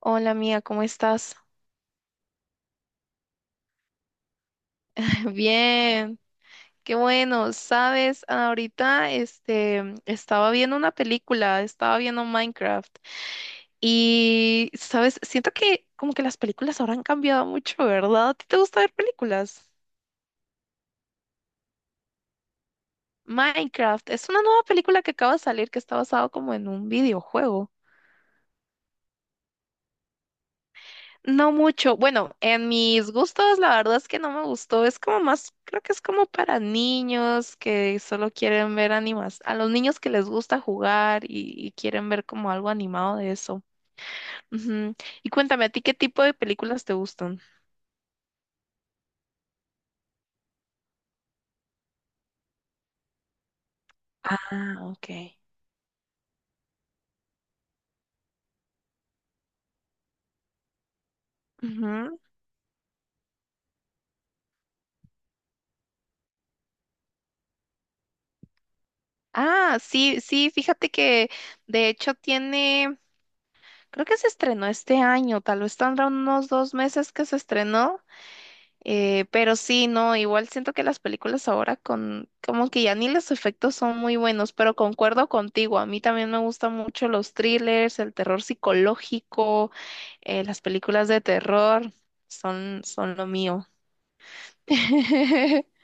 Hola mía, ¿cómo estás? Bien, qué bueno. Sabes, ahorita este estaba viendo una película, estaba viendo Minecraft. Y sabes, siento que como que las películas ahora han cambiado mucho, ¿verdad? ¿A ti te gusta ver películas? Minecraft es una nueva película que acaba de salir que está basado como en un videojuego. No mucho. Bueno, en mis gustos, la verdad es que no me gustó. Es como más, creo que es como para niños que solo quieren ver animas, a los niños que les gusta jugar y quieren ver como algo animado de eso. Ujú. Y cuéntame, ¿a ti qué tipo de películas te gustan? Ah, ok. Ujú. Ah, sí, sí, fíjate que de hecho tiene, creo que se estrenó este año, tal vez tendrá unos 2 meses que se estrenó. Pero sí, no, igual siento que las películas ahora como que ya ni los efectos son muy buenos, pero concuerdo contigo, a mí también me gustan mucho los thrillers, el terror psicológico, las películas de terror son lo mío.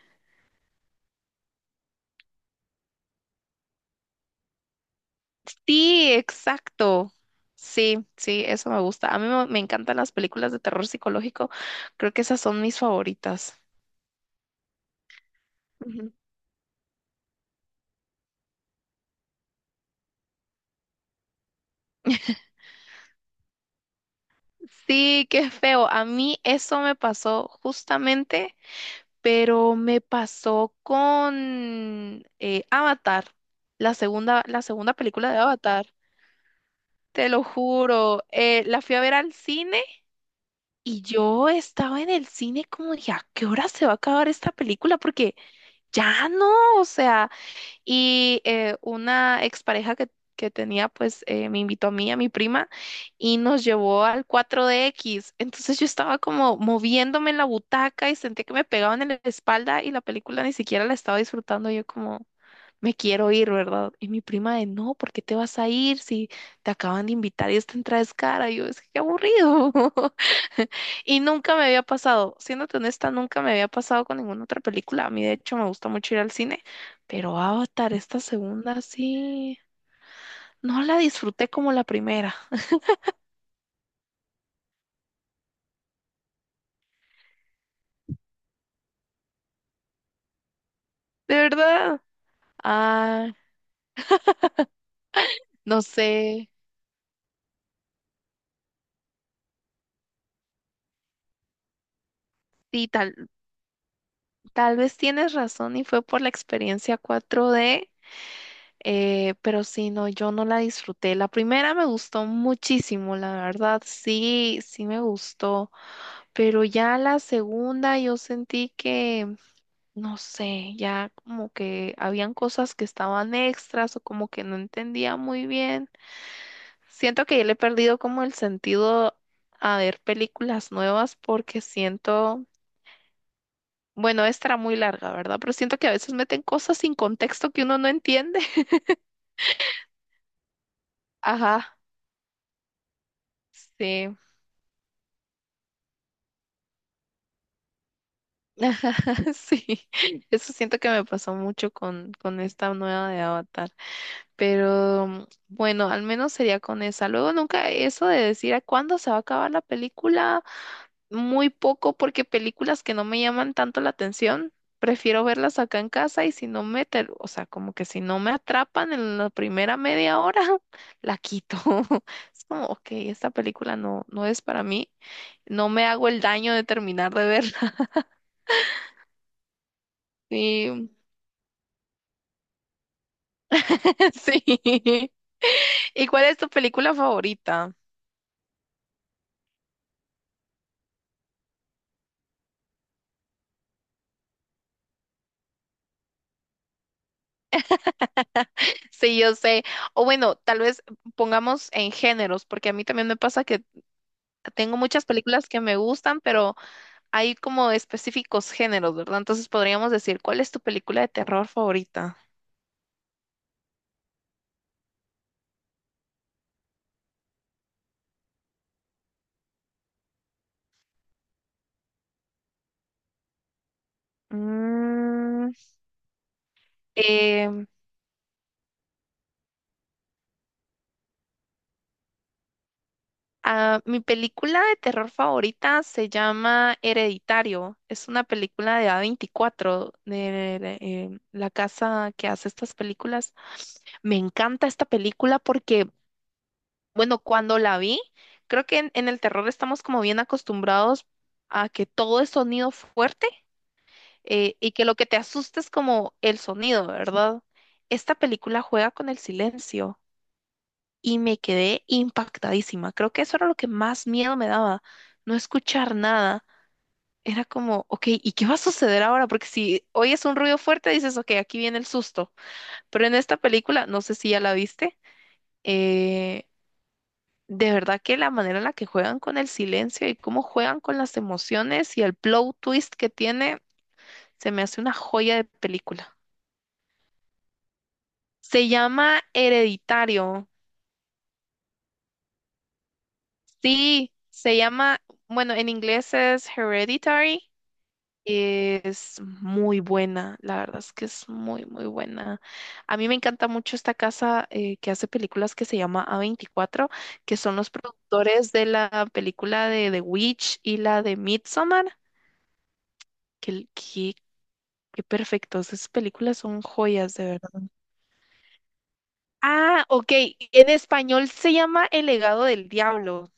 Sí, exacto. Sí, sí, eso me gusta. A mí me encantan las películas de terror psicológico, creo que esas son mis favoritas. Ujú. Sí, qué feo. A mí eso me pasó justamente. Pero me pasó con Avatar, la segunda película de Avatar. Te lo juro, la fui a ver al cine y yo estaba en el cine como dije, ¿a qué hora se va a acabar esta película? Porque ya no, o sea, y una expareja que tenía, pues me invitó a mí, a mi prima, y nos llevó al 4 X. Entonces yo estaba como moviéndome en la butaca y sentí que me pegaban en la espalda y la película ni siquiera la estaba disfrutando. Yo como, me quiero ir, ¿verdad? Y mi prima de, no, ¿por qué te vas a ir si te acaban de invitar y esta entrada es cara? Y yo, es que qué aburrido. Y nunca me había pasado, siéndote honesta, nunca me había pasado con ninguna otra película. A mí, de hecho, me gusta mucho ir al cine, pero Avatar, esta segunda, sí, no la disfruté como la primera, de verdad. Ah, no sé, sí, tal vez tienes razón y fue por la experiencia 4D. Pero sí, no, yo no la disfruté. La primera me gustó muchísimo, la verdad, sí, sí me gustó. Pero ya la segunda yo sentí que, no sé, ya como que habían cosas que estaban extras o como que no entendía muy bien. Siento que ya le he perdido como el sentido a ver películas nuevas porque siento, bueno, esta era muy larga, ¿verdad? Pero siento que a veces meten cosas sin contexto que uno no entiende. Ajá, sí. Ajá, sí, eso siento que me pasó mucho con esta nueva de Avatar, pero bueno, al menos sería con esa. Luego nunca eso de decir a cuándo se va a acabar la película, muy poco porque películas que no me llaman tanto la atención, prefiero verlas acá en casa y si no me, ter- o sea, como que si no me atrapan en la primera media hora, la quito. Es como, ok, esta película no, no es para mí, no me hago el daño de terminar de verla. Sí, Sí. ¿Y cuál es tu película favorita? Sí, yo sé. O bueno, tal vez pongamos en géneros, porque a mí también me pasa que tengo muchas películas que me gustan, pero hay como específicos géneros, ¿verdad? Entonces podríamos decir, ¿cuál es tu película de terror favorita? Mm, em, Ah, mi película de terror favorita se llama Hereditario. Es una película de A24, la casa que hace estas películas. Me encanta esta película porque, bueno, cuando la vi, creo que en el terror estamos como bien acostumbrados a que todo es sonido fuerte, y que lo que te asusta es como el sonido, ¿verdad? Esta película juega con el silencio y me quedé impactadísima. Creo que eso era lo que más miedo me daba, no escuchar nada. Era como, ok, ¿y qué va a suceder ahora? Porque si oyes un ruido fuerte, dices, ok, aquí viene el susto. Pero en esta película, no sé si ya la viste, eh, de verdad que la manera en la que juegan con el silencio y cómo juegan con las emociones y el plot twist que tiene, se me hace una joya de película. Se llama Hereditario. Sí, se llama, bueno, en inglés es Hereditary. Es muy buena, la verdad es que es muy, muy buena. A mí me encanta mucho esta casa que hace películas que se llama A24, que son los productores de la película de The Witch y la de Midsommar. Qué, qué, qué perfectos, esas películas son joyas, de verdad. Ah, ok, en español se llama El legado del diablo.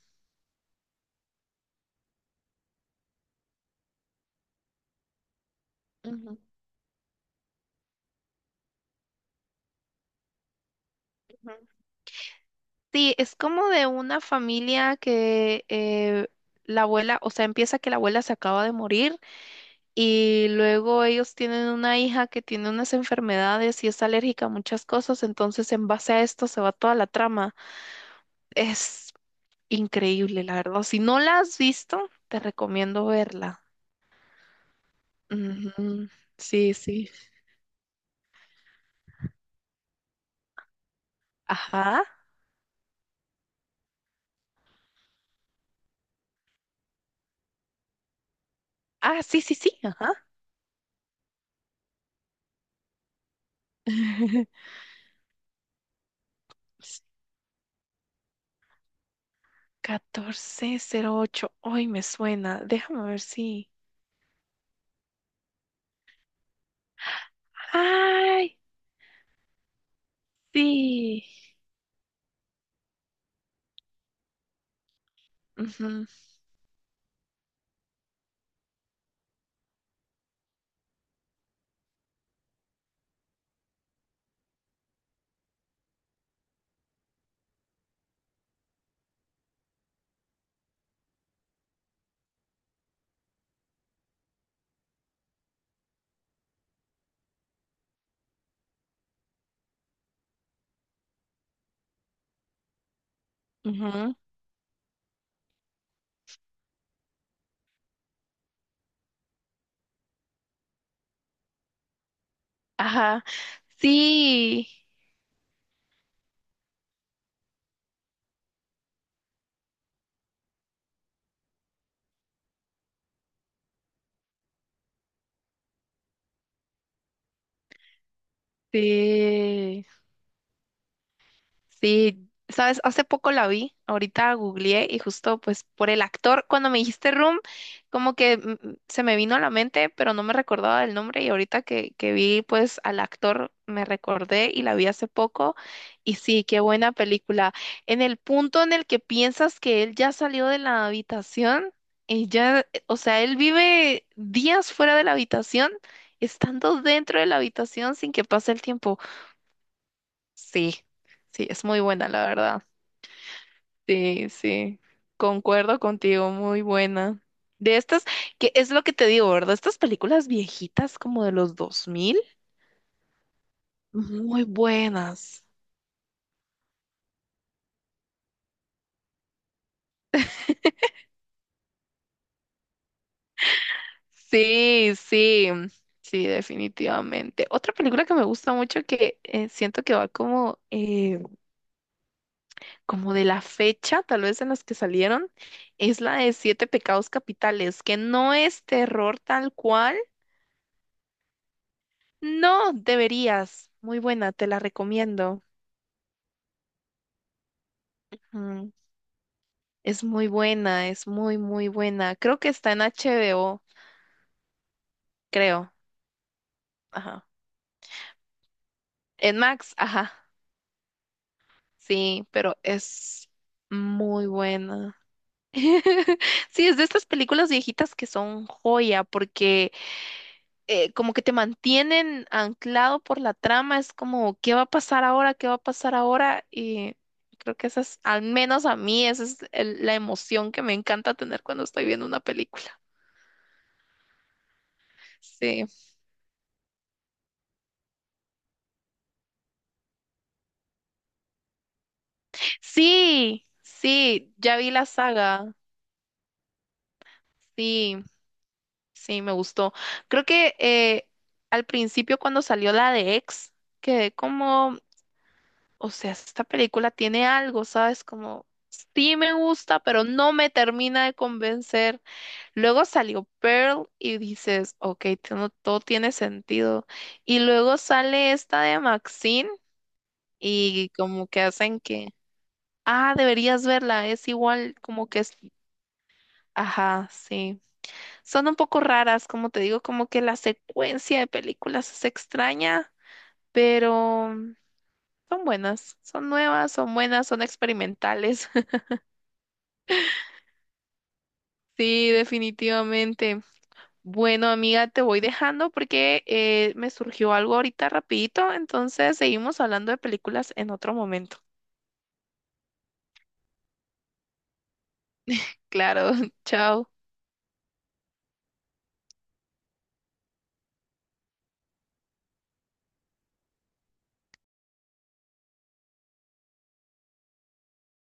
Ujú, ujú. Sí, es como de una familia que la abuela, o sea, empieza que la abuela se acaba de morir. Y luego ellos tienen una hija que tiene unas enfermedades y es alérgica a muchas cosas, entonces en base a esto se va toda la trama. Es increíble, la verdad. Si no la has visto, te recomiendo verla. Ujú. Sí, sí. Ajá. Ah, sí, sí, sí. Ajá. 1408. Ay, me suena. Déjame ver si. Ay, sí. Ujú, ujú. Ajá. Sí. Sí, sí, sabes, hace poco la vi, ahorita googleé y justo pues por el actor, cuando me dijiste Room, como que se me vino a la mente, pero no me recordaba el nombre y ahorita que vi pues al actor me recordé y la vi hace poco y sí, qué buena película. En el punto en el que piensas que él ya salió de la habitación, y ya, o sea, él vive días fuera de la habitación, estando dentro de la habitación sin que pase el tiempo. Sí, sí, es muy buena, la verdad. Sí, sí, concuerdo contigo, muy buena. De estas, que es lo que te digo, ¿verdad? Estas películas viejitas como de los 2000, muy buenas. Sí, sí, sí, definitivamente. Otra película que me gusta mucho que siento que va como, como de la fecha, tal vez en las que salieron, es la de Siete Pecados Capitales, que no es terror tal cual. No, deberías. Muy buena, te la recomiendo. Mm, Es muy buena, es muy, muy buena. Creo que está en HBO, creo. Ajá. En Max, ajá. Sí, pero es muy buena. Sí, es de estas películas viejitas que son joya, porque como que te mantienen anclado por la trama, es como, ¿qué va a pasar ahora? ¿Qué va a pasar ahora? Y creo que esa es, al menos a mí, esa es la emoción que me encanta tener cuando estoy viendo una película. Sí, sí, sí, ya vi la saga, sí, sí, me gustó. Creo que al principio cuando salió la de X, quedé como... O sea, esta película tiene algo, ¿sabes? Como sí me gusta, pero no me termina de convencer. Luego salió Pearl y dices, ok, todo tiene sentido. Y luego sale esta de Maxine y como que hacen que, ah, deberías verla, es igual, como que es, ajá, sí. Son un poco raras, como te digo, como que la secuencia de películas es extraña, pero son buenas, son nuevas, son buenas, son experimentales. Sí, definitivamente. Bueno, amiga, te voy dejando porque me surgió algo ahorita rapidito, entonces seguimos hablando de películas en otro momento. Claro, chao.